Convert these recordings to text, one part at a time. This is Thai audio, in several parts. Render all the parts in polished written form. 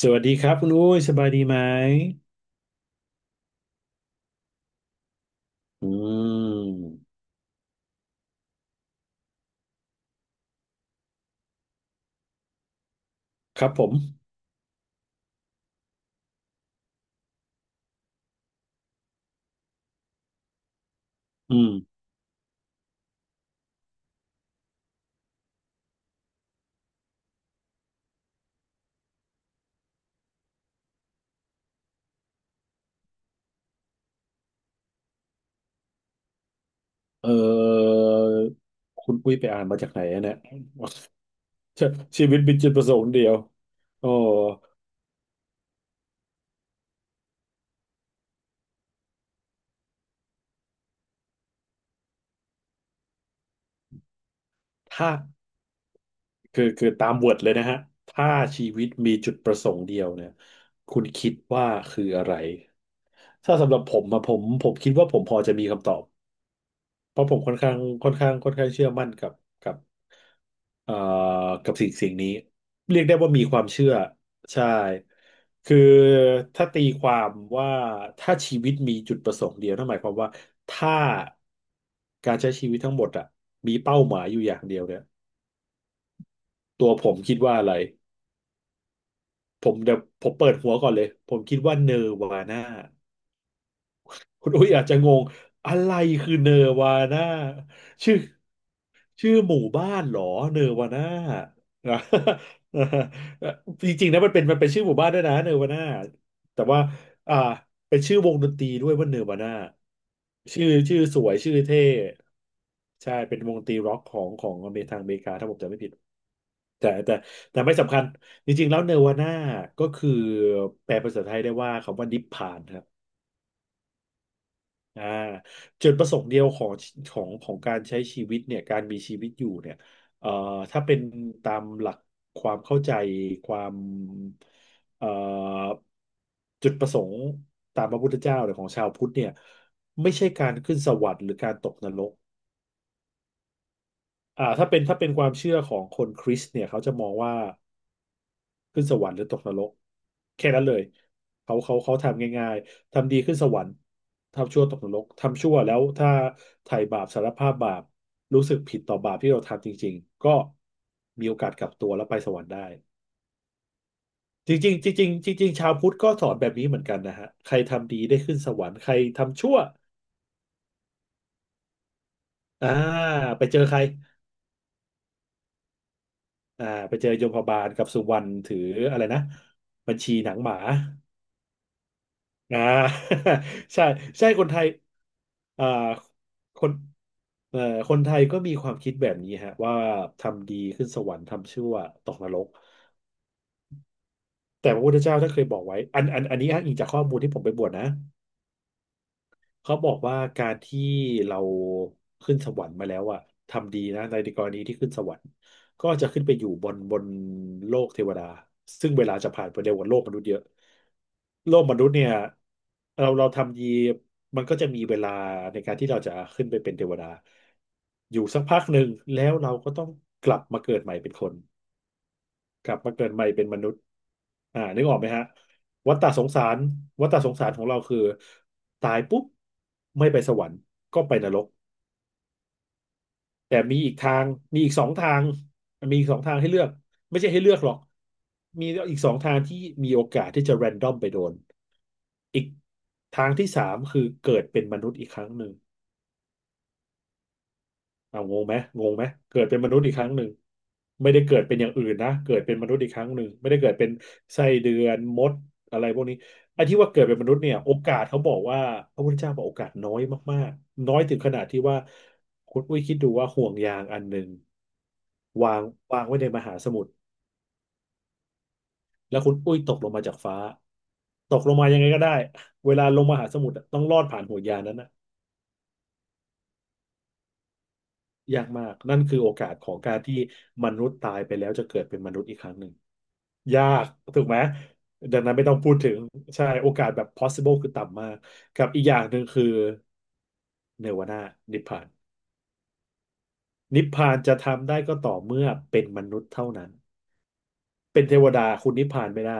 สวัสดีครับคุณอุ้ยสบายดีไหมอืมครับผมอืมเออคุณอุ้ยไปอ่านมาจากไหนอะเนี่ย ชีวิตมีจุดประสงค์เดียวโอ้ถ้าคือตามเวิร์ดเลยนะฮะ ถ้าชีวิตมีจุดประสงค์เดียวเนี่ยคุณคิดว่าคืออะไร ถ้าสำหรับผมอะผมคิดว่าผมพอจะมีคำตอบ เพราะผมค่อนข้างค่อนข้างค่อนข้างเชื่อมั่นกับเอ่อกับสิ่งนี้เรียกได้ว่ามีความเชื่อใช่คือถ้าตีความว่าถ้าชีวิตมีจุดประสงค์เดียวนั่นหมายความว่าถ้าการใช้ชีวิตทั้งหมดอะมีเป้าหมายอยู่อย่างเดียวเนี่ยตัวผมคิดว่าอะไรผมเดี๋ยวผมเปิดหัวก่อนเลยผมคิดว่าเนวาน่าคุณอุ้ยอาจจะงงอะไรคือเนวาน่าชื่อ ชื่อหมู่บ้านเหรอเนอวาน่านะ จริงๆนะมันเป็นชื่อหมู่บ้านด้วยนะเนอวาน่าแต่ว่าอ่าเป็นชื่อวงดนตรีด้วยว่าเนอวาน่าชื่อสวยชื่อเท่ใช่เป็นวงดนตรีร็อกของอเมริกาทางอเมริกาถ้าผมจำไม่ผิดแต่แต่แต่ไม่สำคัญจริงๆแล้วเนวาน่าก็คือแปลเป็นภาษาไทยได้ว่าคำว่านิพพาน อ่าจุดประสงค์เดียวของของการใช้ชีวิตเนี่ยการมีชีวิตอยู่เนี่ยเอ่อถ้าเป็นตามหลักความเข้าใจความเอ่อจุดประสงค์ตามพระพุทธเจ้าหรือของชาวพุทธเนี่ยไม่ใช่การขึ้นสวรรค์หรือการตกนรกถ้าเป็นความเชื่อของคนคริสต์เนี่ยเขาจะมองว่า ขึ้นสวรรค์หรือตกนรกแค่นั้นเลยเขาทำง่ายๆทำดีขึ้นสวรรค์ทำชั่วตกนรกทำชั่วแล้วถ้าไถ่บาปสารภาพบาปรู้สึกผิดต่อบาปที่เราทำจริงๆก็มีโอกาสกลับตัวแล้วไปสวรรค์ได้จริงๆจริงๆจริงๆชาวพุทธก็สอนแบบนี้เหมือนกันนะฮะใครทำดีได้ขึ้นสวรรค์ใครทำชั่วอ่าไปเจอใครไปเจอโยมพบาลกับสุวรรณถืออะไรนะบัญชีหนังหมา อ่า ใช่ใช่คนไทยอ่าคนเอ่อคนไทยก็มีความคิดแบบนี้ฮะว่าทำดีขึ้นสวรรค์ทำชั่วตกนรกแต่พระพุทธเจ้าท่านเคยบอกไว้อันนี้อ้างอิงจากข้อมูลที่ผมไปบวชนะ เขาบอกว่าการที่เราขึ้นสวรรค์มาแล้วอะทำดีนะในกรณีที่ขึ้นสวรรค์ก็จะขึ้นไปอยู่บนโลกเทวดาซึ่งเวลาจะผ่านไปเร็วกว่าโลกมนุษย์เยอะโลกมนุษย์เนี่ยเราทำดีมันก็จะมีเวลาในการที่เราจะขึ้นไปเป็นเทวดาอยู่สักพักหนึ่งแล้วเราก็ต้องกลับมาเกิดใหม่เป็นคน กลับมาเกิดใหม่เป็นมนุษย์นึกออกไหมฮะ วัฏฏะสงสาร วัฏฏะสงสารของเราคือตายปุ๊บไม่ไปสวรรค์ก็ไปนรกแต่มีอีกทางมีอีกสองทางมีอีกสองทางให้เลือกไม่ใช่ให้เลือกหรอกมีอีกสองทางที่มีโอกาสที่จะแรนดอมไปโดนอีกทางที่สามคือเกิดเป็นมนุษย์อีกครั้งหนึ่ง งงไหมงงไหมเกิดเป็นมนุษย์อีกครั้งหนึ่งไม่ได้เกิดเป็นอย่างอื่นนะเกิดเป็นมนุษย์อีกครั้งหนึ่งไม่ได้เกิดเป็นไส้เดือนมดอะไรพวกนี้ไอ้ที่ว่าเกิดเป็นมนุษย์เนี่ยโอกาสเขาบอกว่าพระพุทธเจ้าบอกโอกาสน้อยมากๆน้อยถึงขนาดที่ว่าคุณอุ้ยคิดดูว่าห่วงยางอันหนึ่งวางวางไว้ในมหาสมุทรแล้วคุณอุ้ยตกลงมาจากฟ้าตกลงมายังไงก็ได้เวลาลงมหาสมุทรอะต้องลอดผ่านห่วงยางนั้นนะยากมากนั่นคือโอกาสของการที่มนุษย์ตายไปแล้วจะเกิดเป็นมนุษย์อีกครั้งหนึ่ง ยากถูกไหมดังนั้นไม่ต้องพูดถึงใช่โอกาสแบบ possible คือต่ำมากกับอีกอย่างหนึ่งคือเนวนานิพพานนิพพานจะทำได้ก็ต่อเมื่อเป็นมนุษย์เท่านั้นเป็นเทวดาคุณนิพพานไม่ได้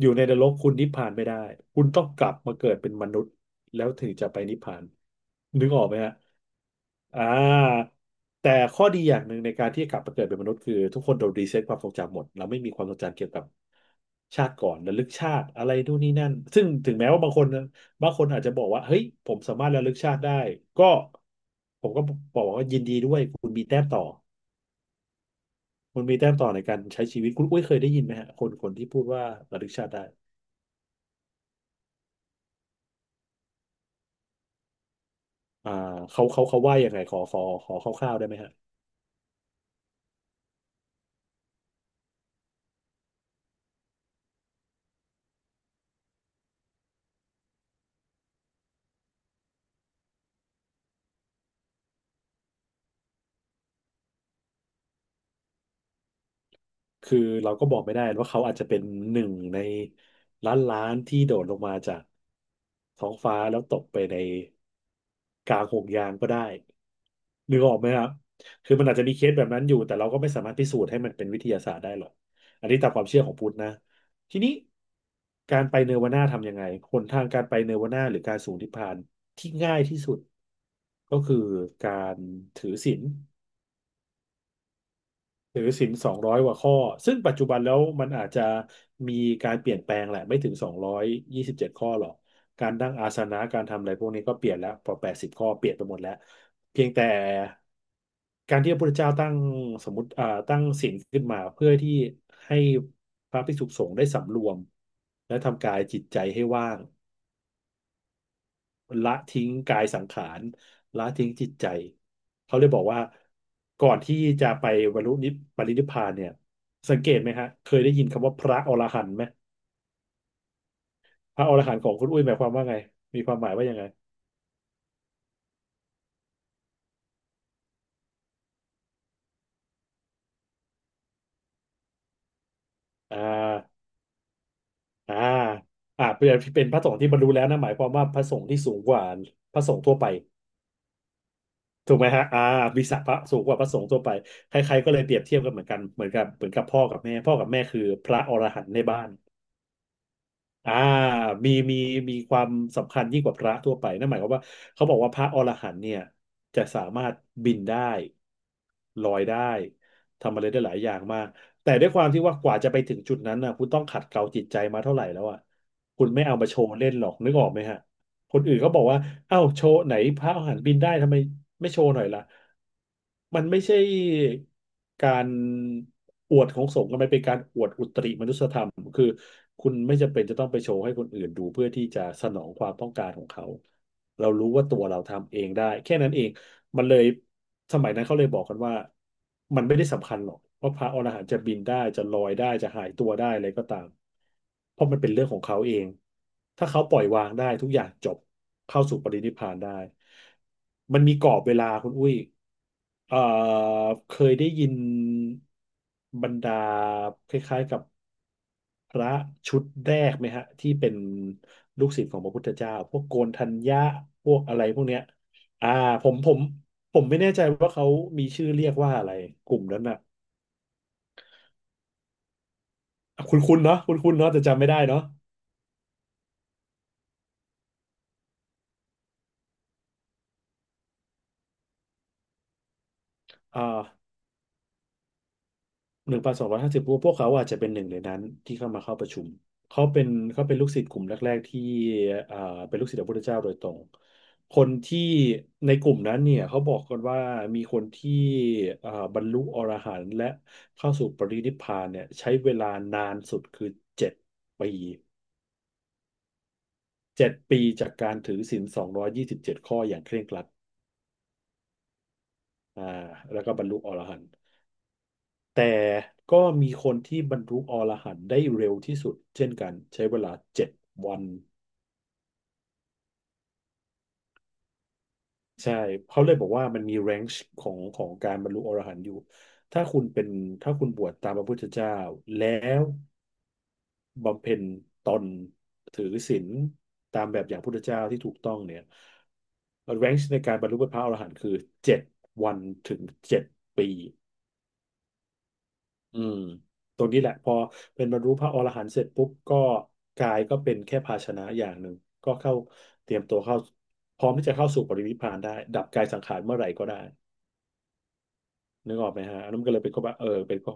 อยู่ในนรกคุณนิพพานไม่ได้คุณต้องกลับมาเกิดเป็นมนุษย์แล้วถึงจะไปนิพพานนึกออกไหมฮะอ่าแต่ข้อดีอย่างหนึ่งในการที่กลับมาเกิดเป็นมนุษย์คือทุกคนโดนรีเซ็ตความทรงจำหมดเราไม่มีความทรงจำเกี่ยวกับชาติก่อนระลึกชาติอะไรนู่นนี่นั่นซึ่งถึงแม้ว่าบางคนอาจจะบอกว่าเฮ้ยผมสามารถระลึกชาติได้ก็ผมก็บอกว่ายินดีด้วยคุณมีแต้มต่อในการใช้ชีวิตคุณอุ้ยเคยได้ยินไหมฮะคนคนที่พูดว่าระลึกชาติได้ อ่าเขาว่ายังไงขอคร่าวๆได้ไหมฮะคือเราก็บอกไม่ได้ว่าเขาอาจจะเป็นหนึ่งในล้านล้านที่โดดลงมาจากท้องฟ้าแล้วตกไปในกลางห่วงยางก็ได้นึกออกไหมครับคือมันอาจจะมีเคสแบบนั้นอยู่แต่เราก็ไม่สามารถพิสูจน์ให้มันเป็นวิทยาศาสตร์ได้หรอกอันนี้ตามความเชื่อของพุทธนะทีนี้การไปเนรวนาทำยังไงหนทางการไปเนรวนาหรือการสู่นิพพานที่ง่ายที่สุดก็คือการถือศีล ถือศีล200กว่าข้อซึ่งปัจจุบันแล้วมันอาจจะมีการเปลี่ยนแปลงแหละไม่ถึงสองร้อยยี่สิบเจ็ดข้อหรอกการนั่งอาสนะการทำอะไรพวกนี้ก็เปลี่ยนแล้วพอ80ข้อเปลี่ยนไปหมดแล้วเพียงแต่การที่พระพุทธเจ้าตั้งสมมติตั้งศีลขึ้นมาเพื่อที่ให้พระภิกษุสงฆ์ได้สำรวมและทำกายจิตใจให้ว่าง ละทิ้งกายสังขารละทิ้งจิตใจเขาเลยบอกว่าก่อนที่จะไปบรรลุนิพปรินิพพานเนี่ยสังเกตไหมฮะเคยได้ยินคำว่าพระอรหันต์ไหมพระอรหันต์ของคุณอุ้ยหมายความว่าไงมีความหมายว่ายังไงอ่าอ่าอ่าเป็นเป็นพระสงฆ์ที่บรรลุแล้วนะหมายความว่าพระสงฆ์ที่สูงกว่าพระสงฆ์ทั่วไปถูกไหมฮะวีศักดิ์พระสูงกว่าพระสงฆ์ทั่วไปใครๆก็เลยเปรียบเทียบกันเหมือนกันเหมือนกับพ่อกับแม่พ่อกับแม่คือพระอรหันต์ในบ้าน อ่ามีมีมีความสำคัญยิ่งกว่าพระทั่วไปนั่นหมายความว่าเขาบอกว่าพระอรหันต์เนี่ยจะสามารถบินได้ลอยได้ทำอะไรได้หลายอย่างมากแต่ด้วยความที่ว่ากว่าจะไปถึงจุดนั้นนะคุณต้องขัดเกลาจิตใจมาเท่าไหร่แล้วอ่ะคุณไม่เอามาโชว์เล่นหรอกนึกออกไหมฮะ คนอื่นเขาบอกว่าเอ้าโชว์ไหนพระอรหันต์บินได้ทำไมไม่โชว์หน่อยล่ะมันไม่ใช่การอวดของสงฆ์มันเป็นการอวดอุตริมนุสธรรมคือคุณไม่จำเป็นจะต้องไปโชว์ให้คนอื่นดูเพื่อที่จะสนองความต้องการของเขาเรารู้ว่าตัวเราทำเองได้แค่นั้นเอง มันเลยสมัยนั้นเขาเลยบอกกันว่ามันไม่ได้สำคัญหรอกว่าพระอรหันต์จะบินได้จะลอยได้จะหายตัวได้อะไรก็ตามเพราะมันเป็นเรื่องของเขาเองถ้าเขาปล่อยวางได้ทุกอย่างจบเข้าสู่ปรินิพพานได้มันมีกรอบเวลาคุณอุ้ย เอ่อเคยได้ยินบรรดาคล้ายๆกับพระชุดแรกไหมฮะที่เป็นลูกศิษย์ของพระพุทธเจ้าพวกโกนทัญญะพวกอะไรพวกเนี้ยอ่าผมผมผมไม่แน่ใจว่าเขามีชื่อเรียกว่าอะไรกลุ่มนั้นน่ะคุณเนาะแต่จำไม่ได้เนาะอ่า 1,250พวกเขาอาจจะเป็นหนึ่งในนั้นที่เข้ามาเข้าประชุมเขาเป็นเขาเป็นลูกศิษย์กลุ่มแรกๆที่อ่าเป็นลูกศิษย์พระพุทธเจ้าโดยตรงคนที่ในกลุ่มนั้นเนี่ยเขาบอกกันว่ามีคนที่บรรลุอรหันต์และเข้าสู่ปรินิพพานเนี่ยใช้เวลานานสุดคือเจ็ดปีเจ็ดปีจากการถือศีลสองร้อยยี่สิบเจ็ดข้ออย่างเคร่งครัดอ่าแล้วก็บรรลุอรหันต์ แต่ก็มีคนที่บรรลุอรหันต์ได้เร็วที่สุดเช่นกันใช้เวลาเจ็ดวันใช่เขาเลยบอกว่ามันมีแรงค์ของของการบรรลุอรหันต์อยู่ถ้าคุณเป็นถ้าคุณบวชตามพระพุทธเจ้าแล้วบำเพ็ญตนถือศีลตามแบบอย่างพุทธเจ้าที่ถูกต้องเนี่ยแรงค์ในการบรรลุเป็นพระอรหันต์คือเจ็ดวันถึงเจ็ดปี อืมตรงนี้แหละพอเป็นบรรลุพระอรหันต์เสร็จปุ๊บก็กายก็เป็นแค่ภาชนะอย่างหนึ่งก็เข้าเตรียมตัวเข้าพร้อมที่จะเข้าสู่ปรินิพพานได้ดับกายสังขารเมื่อไหร่ก็ได้นึกออกไหมฮะอันนั้นมันก็เลยเป็นข้อว่า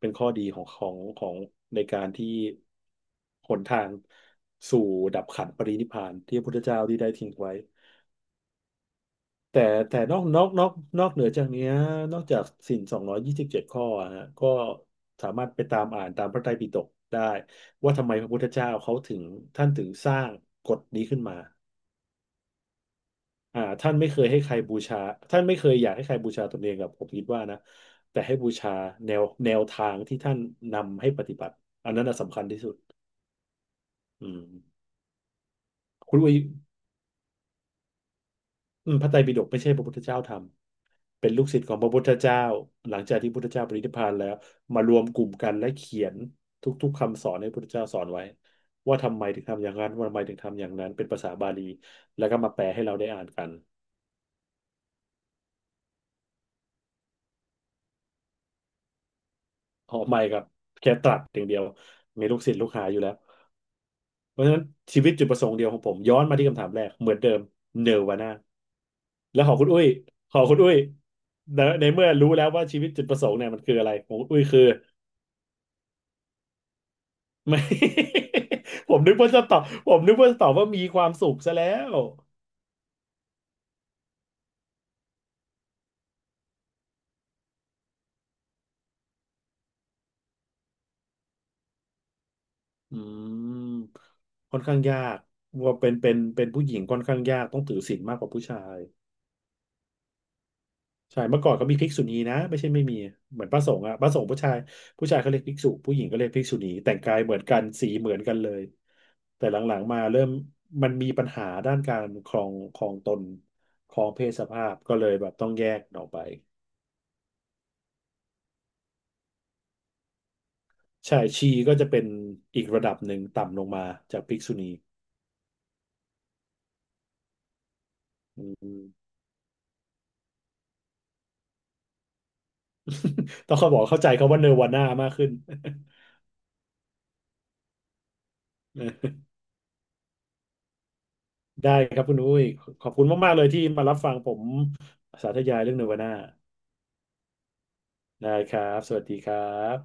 เป็นข้อดีของในการที่หนทางสู่ดับขันธ์ปรินิพพานที่พระพุทธเจ้าที่ได้ทิ้งไว้ แต่แต่นอกเหนือจากเนี้ยนอกจากศีล227ข้ออะฮะก็สามารถไปตามอ่านตามพระไตรปิฎกได้ว่าทำไมพระพุทธเจ้าเขาถึงท่านถึงสร้างกฎนี้ขึ้นมาท่านไม่เคยให้ใครบูชาท่านไม่เคยอยากให้ใครบูชาตนเองกับผมคิดว่านะแต่ให้บูชาแนวแนวทางที่ท่านนำให้ปฏิบัติอันนั้นน่ะสำคัญที่สุดอืมคุณอุ้ย พระไตรปิฎกไม่ใช่พระพุทธเจ้าทำเป็นลูกศิษย์ของพระพุทธเจ้าหลังจากที่พุทธเจ้าปรินิพพานแล้วมารวมกลุ่มกันและเขียนทุกๆคำสอนให้พุทธเจ้าสอนไว้ว่าทำไมถึงทำอย่างนั้นว่าทำไมถึงทำอย่างนั้นเป็นภาษาบาลีแล้วก็มาแปลให้เราได้อ่านกันอ๋อไม่ครับแค่ตรัสอย่างเดียวมีลูกศิษย์ลูกหาอยู่แล้วเพราะฉะนั้นชีวิตจุดประสงค์เดียวของผมย้อนมาที่คำถามแรกเหมือนเดิมเนวาน่าแล้วของคุณอุ้ยของคุณอุ้ยในเมื่อรู้แล้วว่าชีวิตจุดประสงค์เนี่ยมันคืออะไรของคุณอุ้ยคือ ไม่ ผมนึกว่าจะตอบว่ามีความสุขซะแล้วอืมค่อนข้างยากว่าเป็นผู้หญิงค่อนข้างยากต้องถือศีลมากกว่าผู้ชายใช่เมื่อก่อนเขามีภิกษุณีนะไม่ใช่ไม่มี เหมือนพระสงฆ์ผู้ชายเขาเรียกภิกษุผู้หญิงก็เรียกภิกษุณีแต่งกายเหมือนกันสีเหมือนกันเลยแต่หลังๆมาเริ่มมันมีปัญหาด้านการครองตนครองเพศสภาพก็เลยแบบต้องแยกออกไป ใช่ ชีก็จะเป็นอีกระดับหนึ่งต่ำลงมาจากภิกษุณีอืม ต้องเขาบอกเข้าใจเขาว่าเนรวาน่ามากขึ้น ได้ครับคุณอุ้ย ขอบคุณมากๆเลยที่มารับฟังผมสาธยายเรื่องเนรวาน่า ได้ครับ สวัสดีครับ